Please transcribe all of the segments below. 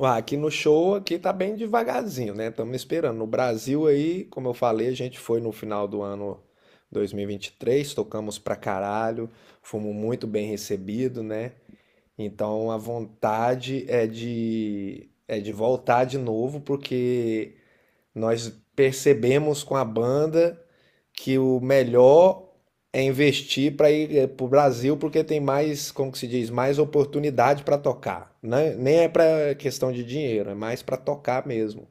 Ah, aqui no show aqui tá bem devagarzinho, né? Estamos esperando. No Brasil aí, como eu falei, a gente foi no final do ano 2023, tocamos pra caralho, fomos muito bem recebidos, né? Então a vontade é de voltar de novo, porque nós percebemos com a banda que o melhor é investir para ir para o Brasil, porque tem mais, como que se diz, mais oportunidade para tocar, né? Nem é para questão de dinheiro, é mais para tocar mesmo,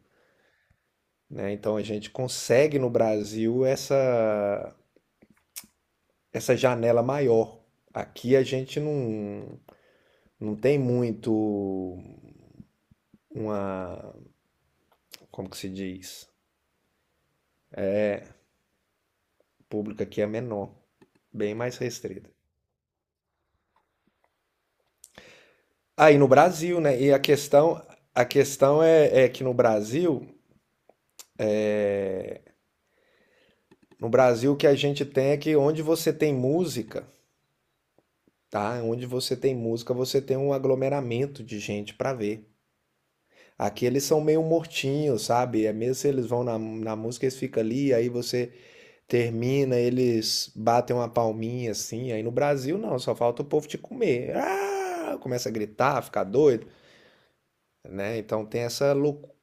né? Então a gente consegue no Brasil essa janela maior. Aqui a gente não tem muito uma, como que se diz, o público aqui é menor, bem mais restrita. Aí no Brasil, né? E a questão é que no Brasil, o que a gente tem é que onde você tem música, tá? Onde você tem música, você tem um aglomeramento de gente para ver. Aqui eles são meio mortinhos, sabe? É mesmo se eles vão na música, eles ficam ali, aí você termina, eles batem uma palminha assim. Aí no Brasil, não, só falta o povo te comer. Ah! Começa a gritar, ficar doido, né? Então tem essa loucura.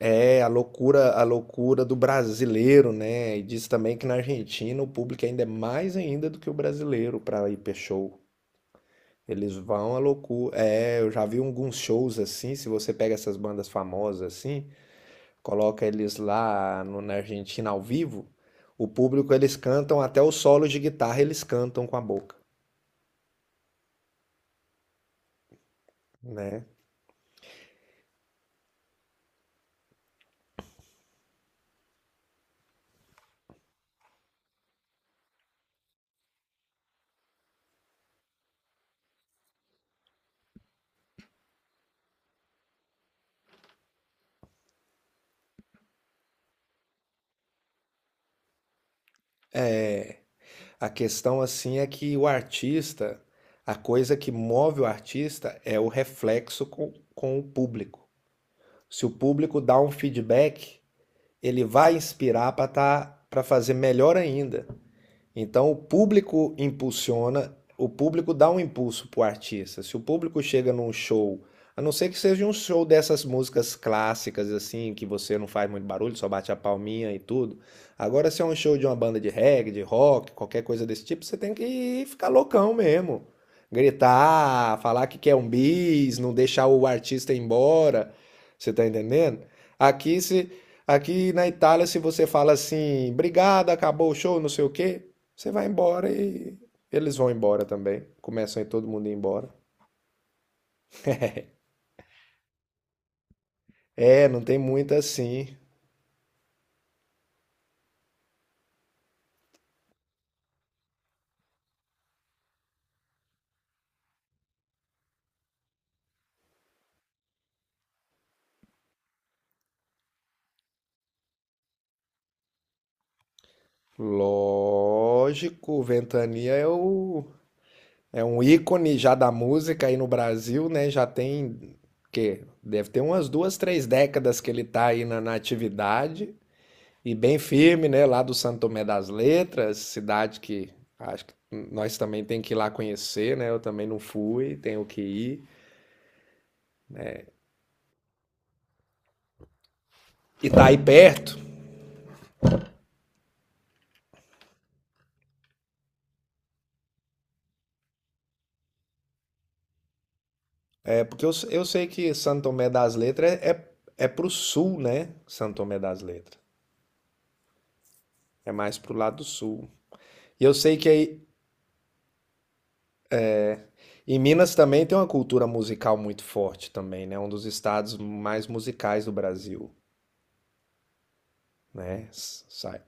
É a loucura do brasileiro, né? E diz também que na Argentina o público ainda é mais ainda do que o brasileiro para ir para show. Eles vão à loucura. É, eu já vi alguns shows assim, se você pega essas bandas famosas assim, coloca eles lá na Argentina ao vivo, o público eles cantam até o solo de guitarra, eles cantam com a boca, né? A questão assim é que o artista, a coisa que move o artista é o reflexo com o público. Se o público dá um feedback, ele vai inspirar para fazer melhor ainda. Então o público impulsiona, o público dá um impulso para o artista. Se o público chega num show, a não ser que seja um show dessas músicas clássicas assim, que você não faz muito barulho, só bate a palminha e tudo. Agora se é um show de uma banda de reggae, de rock, qualquer coisa desse tipo, você tem que ficar loucão mesmo. Gritar, falar que quer um bis, não deixar o artista ir embora. Você tá entendendo? Aqui se Aqui na Itália, se você fala assim, obrigado, acabou o show, não sei o quê, você vai embora e eles vão embora também. Começam aí todo mundo ir embora. É, não tem muita assim. Lógico, Ventania é o é um ícone já da música aí no Brasil, né? Já tem que deve ter umas duas, três décadas que ele tá aí na atividade e bem firme, né? Lá do Santo Tomé das Letras, cidade que acho que nós também tem que ir lá conhecer, né? Eu também não fui, tenho que ir. E tá aí perto, porque eu sei que Santo Tomé das Letras é pro sul, né? Santo Tomé das Letras. É mais pro lado sul. E eu sei que aí, em Minas também tem uma cultura musical muito forte também, né? Um dos estados mais musicais do Brasil, né? Sai.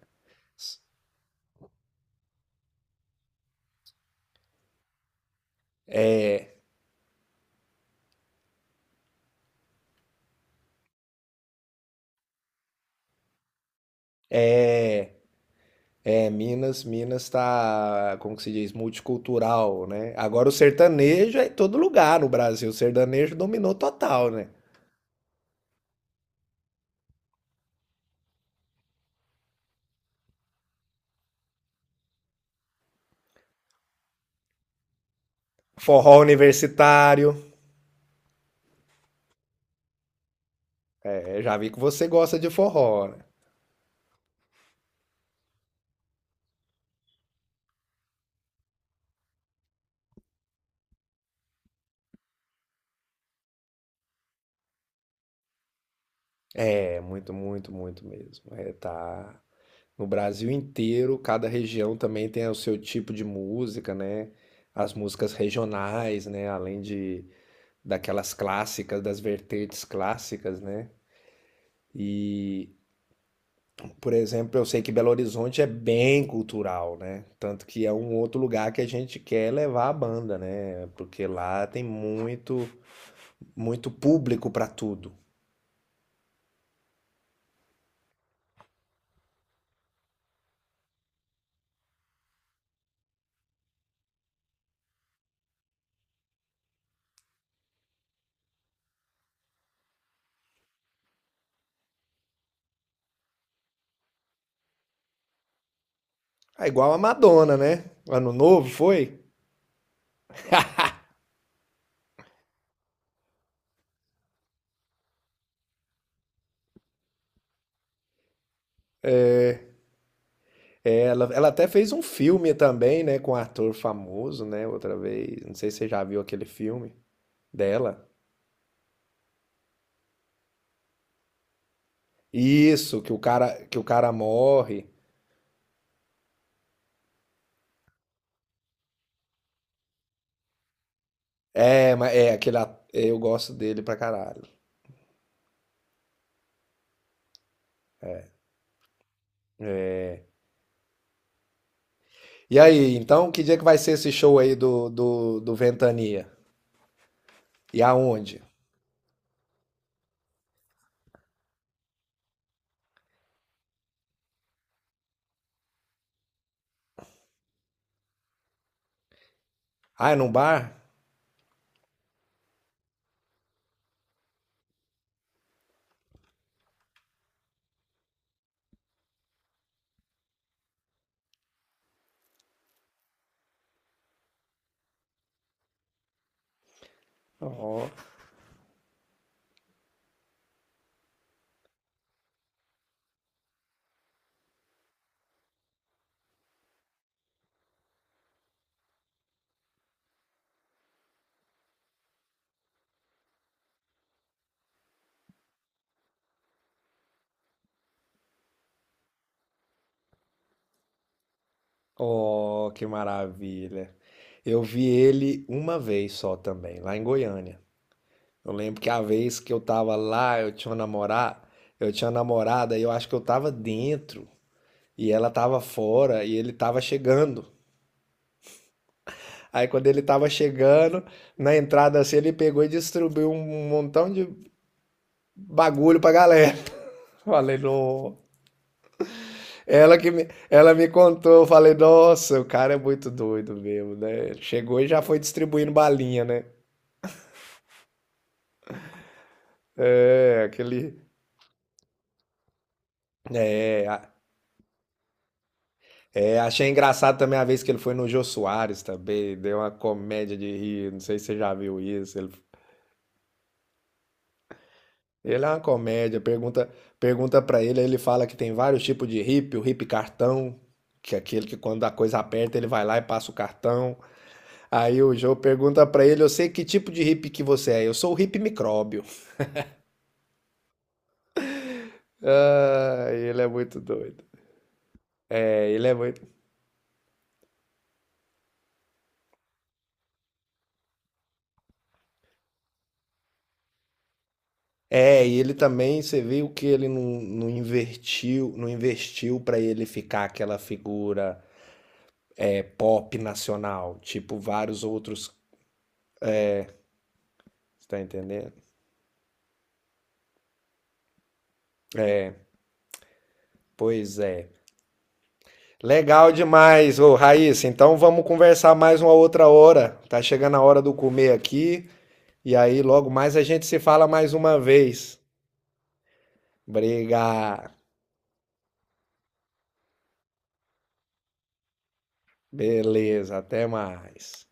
É, Minas, Minas tá, como que se diz, multicultural, né? Agora o sertanejo é em todo lugar no Brasil. O sertanejo dominou total, né? Forró universitário. É, já vi que você gosta de forró, né? É, muito, muito, muito mesmo. É, tá no Brasil inteiro, cada região também tem o seu tipo de música, né? As músicas regionais, né? Além de daquelas clássicas, das vertentes clássicas, né? E, por exemplo, eu sei que Belo Horizonte é bem cultural, né? Tanto que é um outro lugar que a gente quer levar a banda, né? Porque lá tem muito, muito público para tudo. É igual a Madonna, né? Ano novo foi? Ela até fez um filme também, né, com um ator famoso, né, outra vez. Não sei se você já viu aquele filme dela. Isso, que o cara morre. É, mas é aquele eu gosto dele pra caralho. E aí, então, que dia que vai ser esse show aí do Ventania? E aonde? Ah, é num bar? Ó, ó, que maravilha. Eu vi ele uma vez só também, lá em Goiânia. Eu lembro que a vez que eu tava lá, eu tinha uma namorada e eu acho que eu tava dentro e ela tava fora e ele tava chegando. Aí quando ele tava chegando, na entrada assim, ele pegou e distribuiu um montão de bagulho pra galera. Falei, não. Ela me contou, eu falei, nossa, o cara é muito doido mesmo, né? Chegou e já foi distribuindo balinha, né? É, aquele. É. É, achei engraçado também a vez que ele foi no Jô Soares também, deu uma comédia de rir, não sei se você já viu isso. Ele é uma comédia, pergunta para ele, aí ele fala que tem vários tipos de hippie, o hippie cartão, que é aquele que quando a coisa aperta ele vai lá e passa o cartão. Aí o Jô pergunta pra ele, eu sei que tipo de hippie que você é, eu sou o hippie micróbio. Ah, ele é muito doido. É, ele é muito É, e ele também, você viu que ele não invertiu, não investiu para ele ficar aquela figura é, pop nacional, tipo vários outros, tá entendendo? Pois é. Legal demais, ô Raíssa. Então vamos conversar mais uma outra hora. Tá chegando a hora do comer aqui, e aí logo mais a gente se fala mais uma vez. Briga. Beleza, até mais.